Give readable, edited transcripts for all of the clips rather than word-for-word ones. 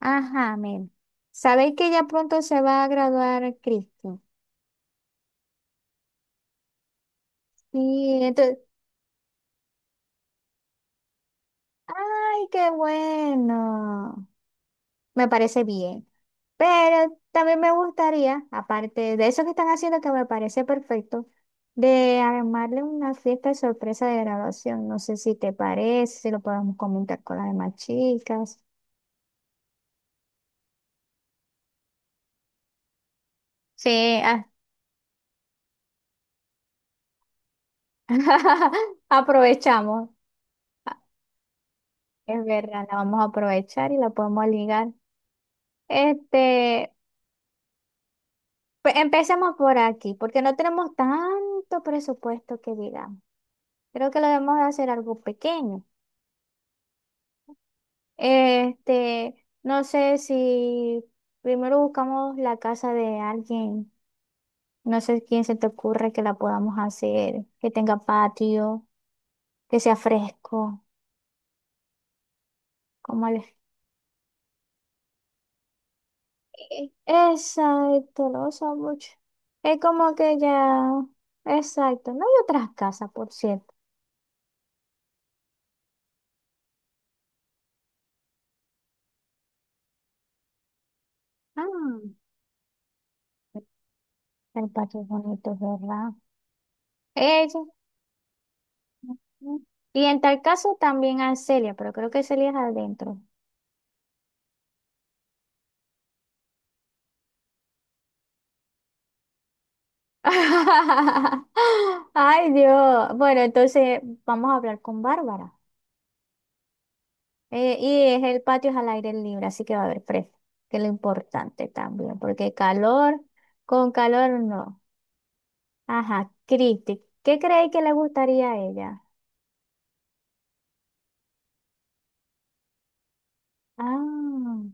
Ajá, men. Sabéis que ya pronto se va a graduar Cristo. Sí. Qué bueno. Me parece bien. Pero también me gustaría, aparte de eso que están haciendo, que me parece perfecto, de armarle una fiesta de sorpresa de graduación. No sé si te parece, si lo podemos comentar con las demás chicas. Sí, aprovechamos. Ah, Es verdad, la vamos a aprovechar y la podemos ligar. Este, Empecemos por aquí, porque no tenemos tanto presupuesto que digamos. Creo que lo debemos de hacer algo pequeño. No sé si primero buscamos la casa de alguien, no sé quién se te ocurre que la podamos hacer, que tenga patio, que sea fresco, como el... Exacto, lo uso mucho. Es como que ya, exacto, no hay otras casas, por cierto. Ah, el patio es bonito, ¿verdad? Ella. Ujú. Y en tal caso también a Celia, pero creo que Celia es adentro. Ay, Dios. Bueno, entonces vamos a hablar con Bárbara. Y es el patio es al aire libre, así que va a haber fresco, que es lo importante también, porque calor, con calor no. Ajá, Cristi, ¿qué creéis que le gustaría a ella? Ah,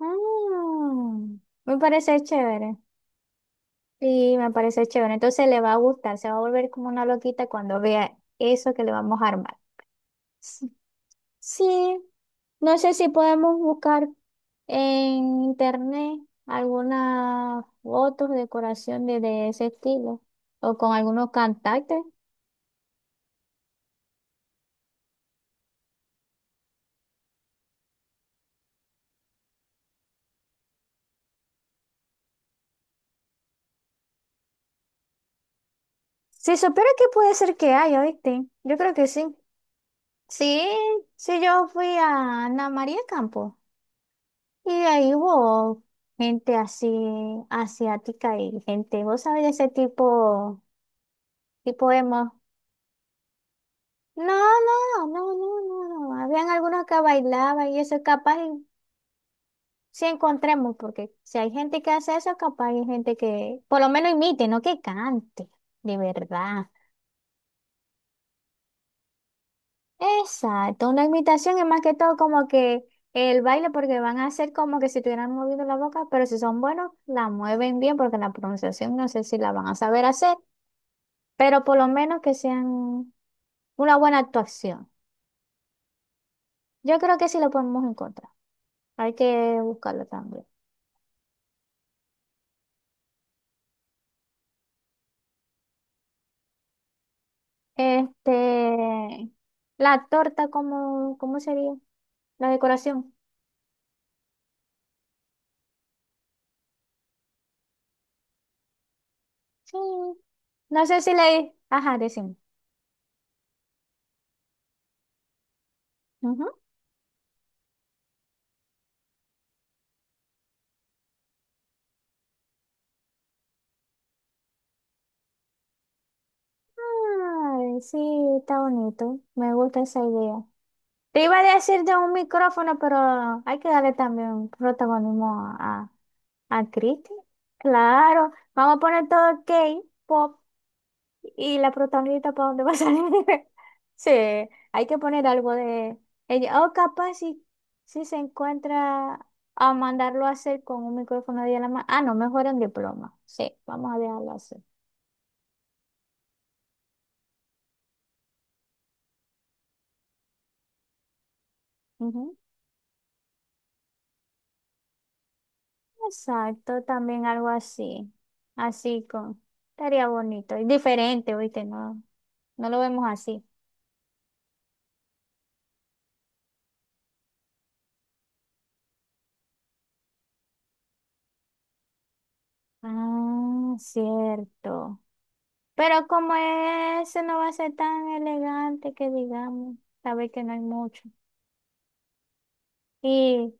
ah, me parece chévere. Sí, me parece chévere. Entonces le va a gustar, se va a volver como una loquita cuando vea eso que le vamos a armar. S- Sí, no sé si podemos buscar en internet algunas fotos, decoración de ese estilo o con algunos cantantes. Si supiera que puede ser que haya, ¿viste? Yo creo que sí. Sí, sí, yo fui a Ana María Campo. Y ahí hubo gente así asiática y gente, vos sabés de ese tipo, tipo emo. No, no, no, no, no, no. Habían algunos que bailaban y eso capaz y sí encontremos, porque si hay gente que hace eso, capaz hay gente que por lo menos imite, no que cante, de verdad. Exacto, una imitación es más que todo como que el baile, porque van a hacer como que si tuvieran movido la boca, pero si son buenos, la mueven bien, porque la pronunciación no sé si la van a saber hacer. Pero por lo menos que sean una buena actuación. Yo creo que sí lo podemos encontrar. Hay que buscarlo también. Este, la torta, ¿cómo sería? La decoración. Sí. No sé si le... Ajá, decimos. Ay, sí, está bonito. Me gusta esa idea. Te iba a decir de un micrófono, pero hay que darle también protagonismo a Cristi. Claro, vamos a poner todo K-pop. ¿Y la protagonista para dónde va a salir? Sí, hay que poner algo de ella. O capaz si se encuentra a mandarlo a hacer con un micrófono de la mano. Ah, no, mejor en diploma. Sí, vamos a dejarlo hacer. Ujú. Exacto, también algo así. Así con. Estaría bonito. Y diferente, ¿viste? No, no lo vemos así. Ah, cierto. Pero como ese no va a ser tan elegante que digamos, sabes que no hay mucho. Y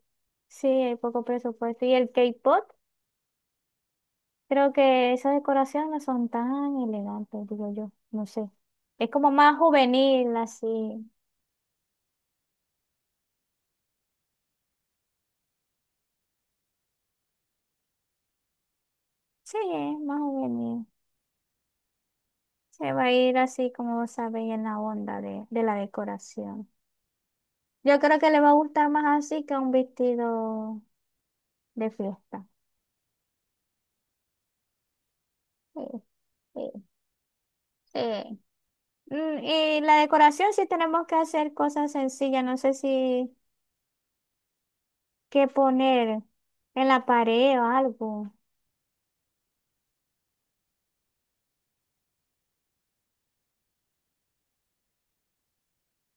sí, hay poco presupuesto. Y el K-pop, creo que esas decoraciones no son tan elegantes, digo yo, no sé. Es como más juvenil, así. Sí, es más juvenil. Se va a ir así, como sabéis, en la onda de la decoración. Yo creo que le va a gustar más así que un vestido de fiesta. Sí, sí, sí. Mm, y la decoración sí tenemos que hacer cosas sencillas, no sé si qué poner en la pared o algo.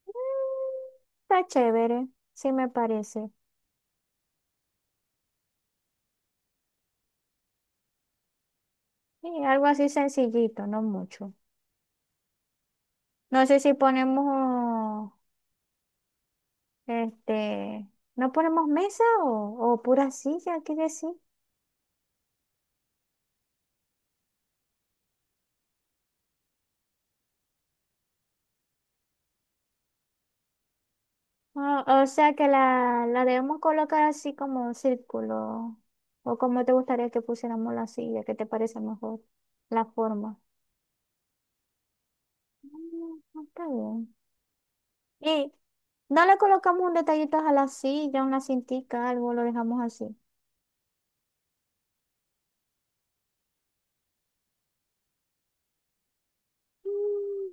Mm, está chévere, sí me parece. Y algo así sencillito, no mucho. No sé si ponemos, este, no ponemos mesa o pura silla, ¿qué decir? O sea que la debemos colocar así como un círculo. O como te gustaría que pusiéramos la silla, ¿qué te parece mejor? La forma. Mm, está bien. Y no le colocamos un detallito a la silla, una cintica, algo, lo dejamos así. Mm,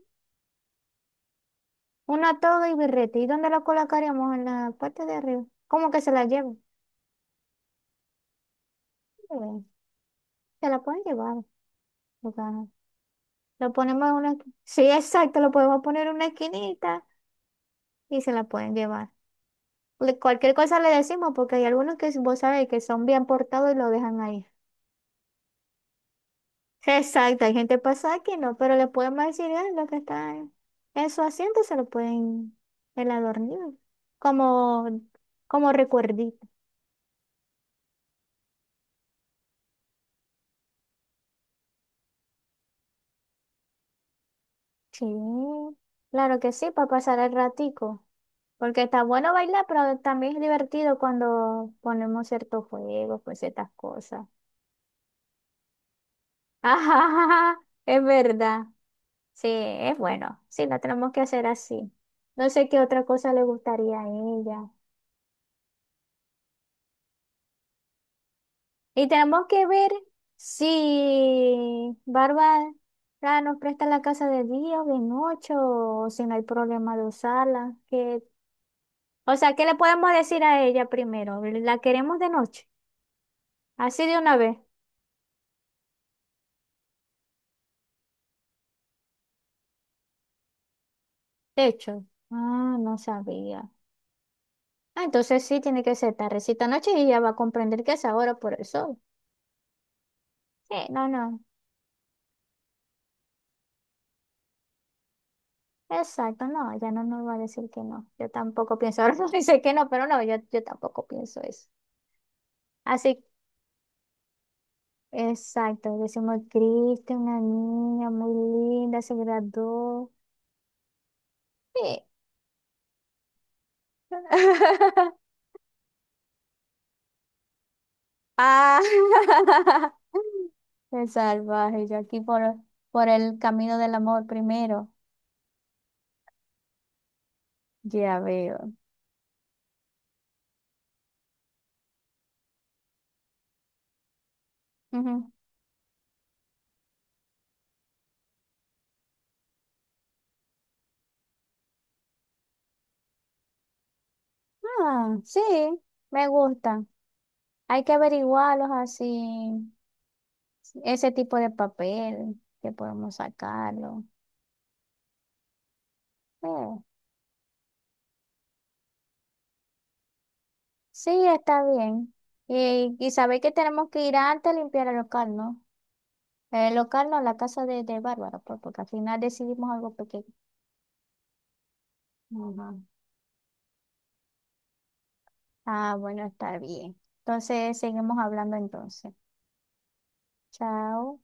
una toga y birrete. ¿Y dónde la colocaríamos? En la parte de arriba. ¿Cómo que se la llevan? Eh, Se la pueden llevar. Porque, ajá, lo ponemos en una... Sí, exacto. Lo podemos poner en una esquinita y se la pueden llevar. Cualquier cosa le decimos porque hay algunos que vos sabés que son bien portados y lo dejan ahí. Exacto. Hay gente pasada que no, pero le podemos decir "Ah, lo que está en su asiento se lo pueden el adornillo. Como, como recuerdito. Sí, claro que sí, para pasar el ratico. Porque está bueno bailar, pero también es divertido cuando ponemos ciertos juegos, pues ciertas cosas. Ajá, es verdad. Sí, es bueno. Sí, lo tenemos que hacer así. No sé qué otra cosa le gustaría a ella. Y tenemos que ver si Bárbara nos presta la casa de día o de noche o si no hay problema de usarla. Que... O sea, ¿qué le podemos decir a ella primero? ¿La queremos de noche? Así de una vez. Techo. Ah, no sabía. Ah, entonces sí tiene que ser tardecita noche y ella va a comprender que es ahora por el sol. Sí, no, no. Exacto, no, ella no nos va a decir que no. Yo tampoco pienso, ahora no dice que no, pero no, yo tampoco pienso eso. Así, exacto, decimos, Cristo, una niña muy linda, se graduó. Sí. Ah, el salvaje, yo aquí por el camino del amor primero. Ya veo. Ujú. Ah, sí, me gustan. Hay que averiguarlos así, ese tipo de papel que podemos sacarlo. Eh, sí, está bien. Y sabéis que tenemos que ir antes a limpiar el local, ¿no? El local no, la casa de Bárbara, pues, porque al final decidimos algo pequeño. Ujú. Ah, bueno, está bien. Entonces, seguimos hablando entonces. Chao.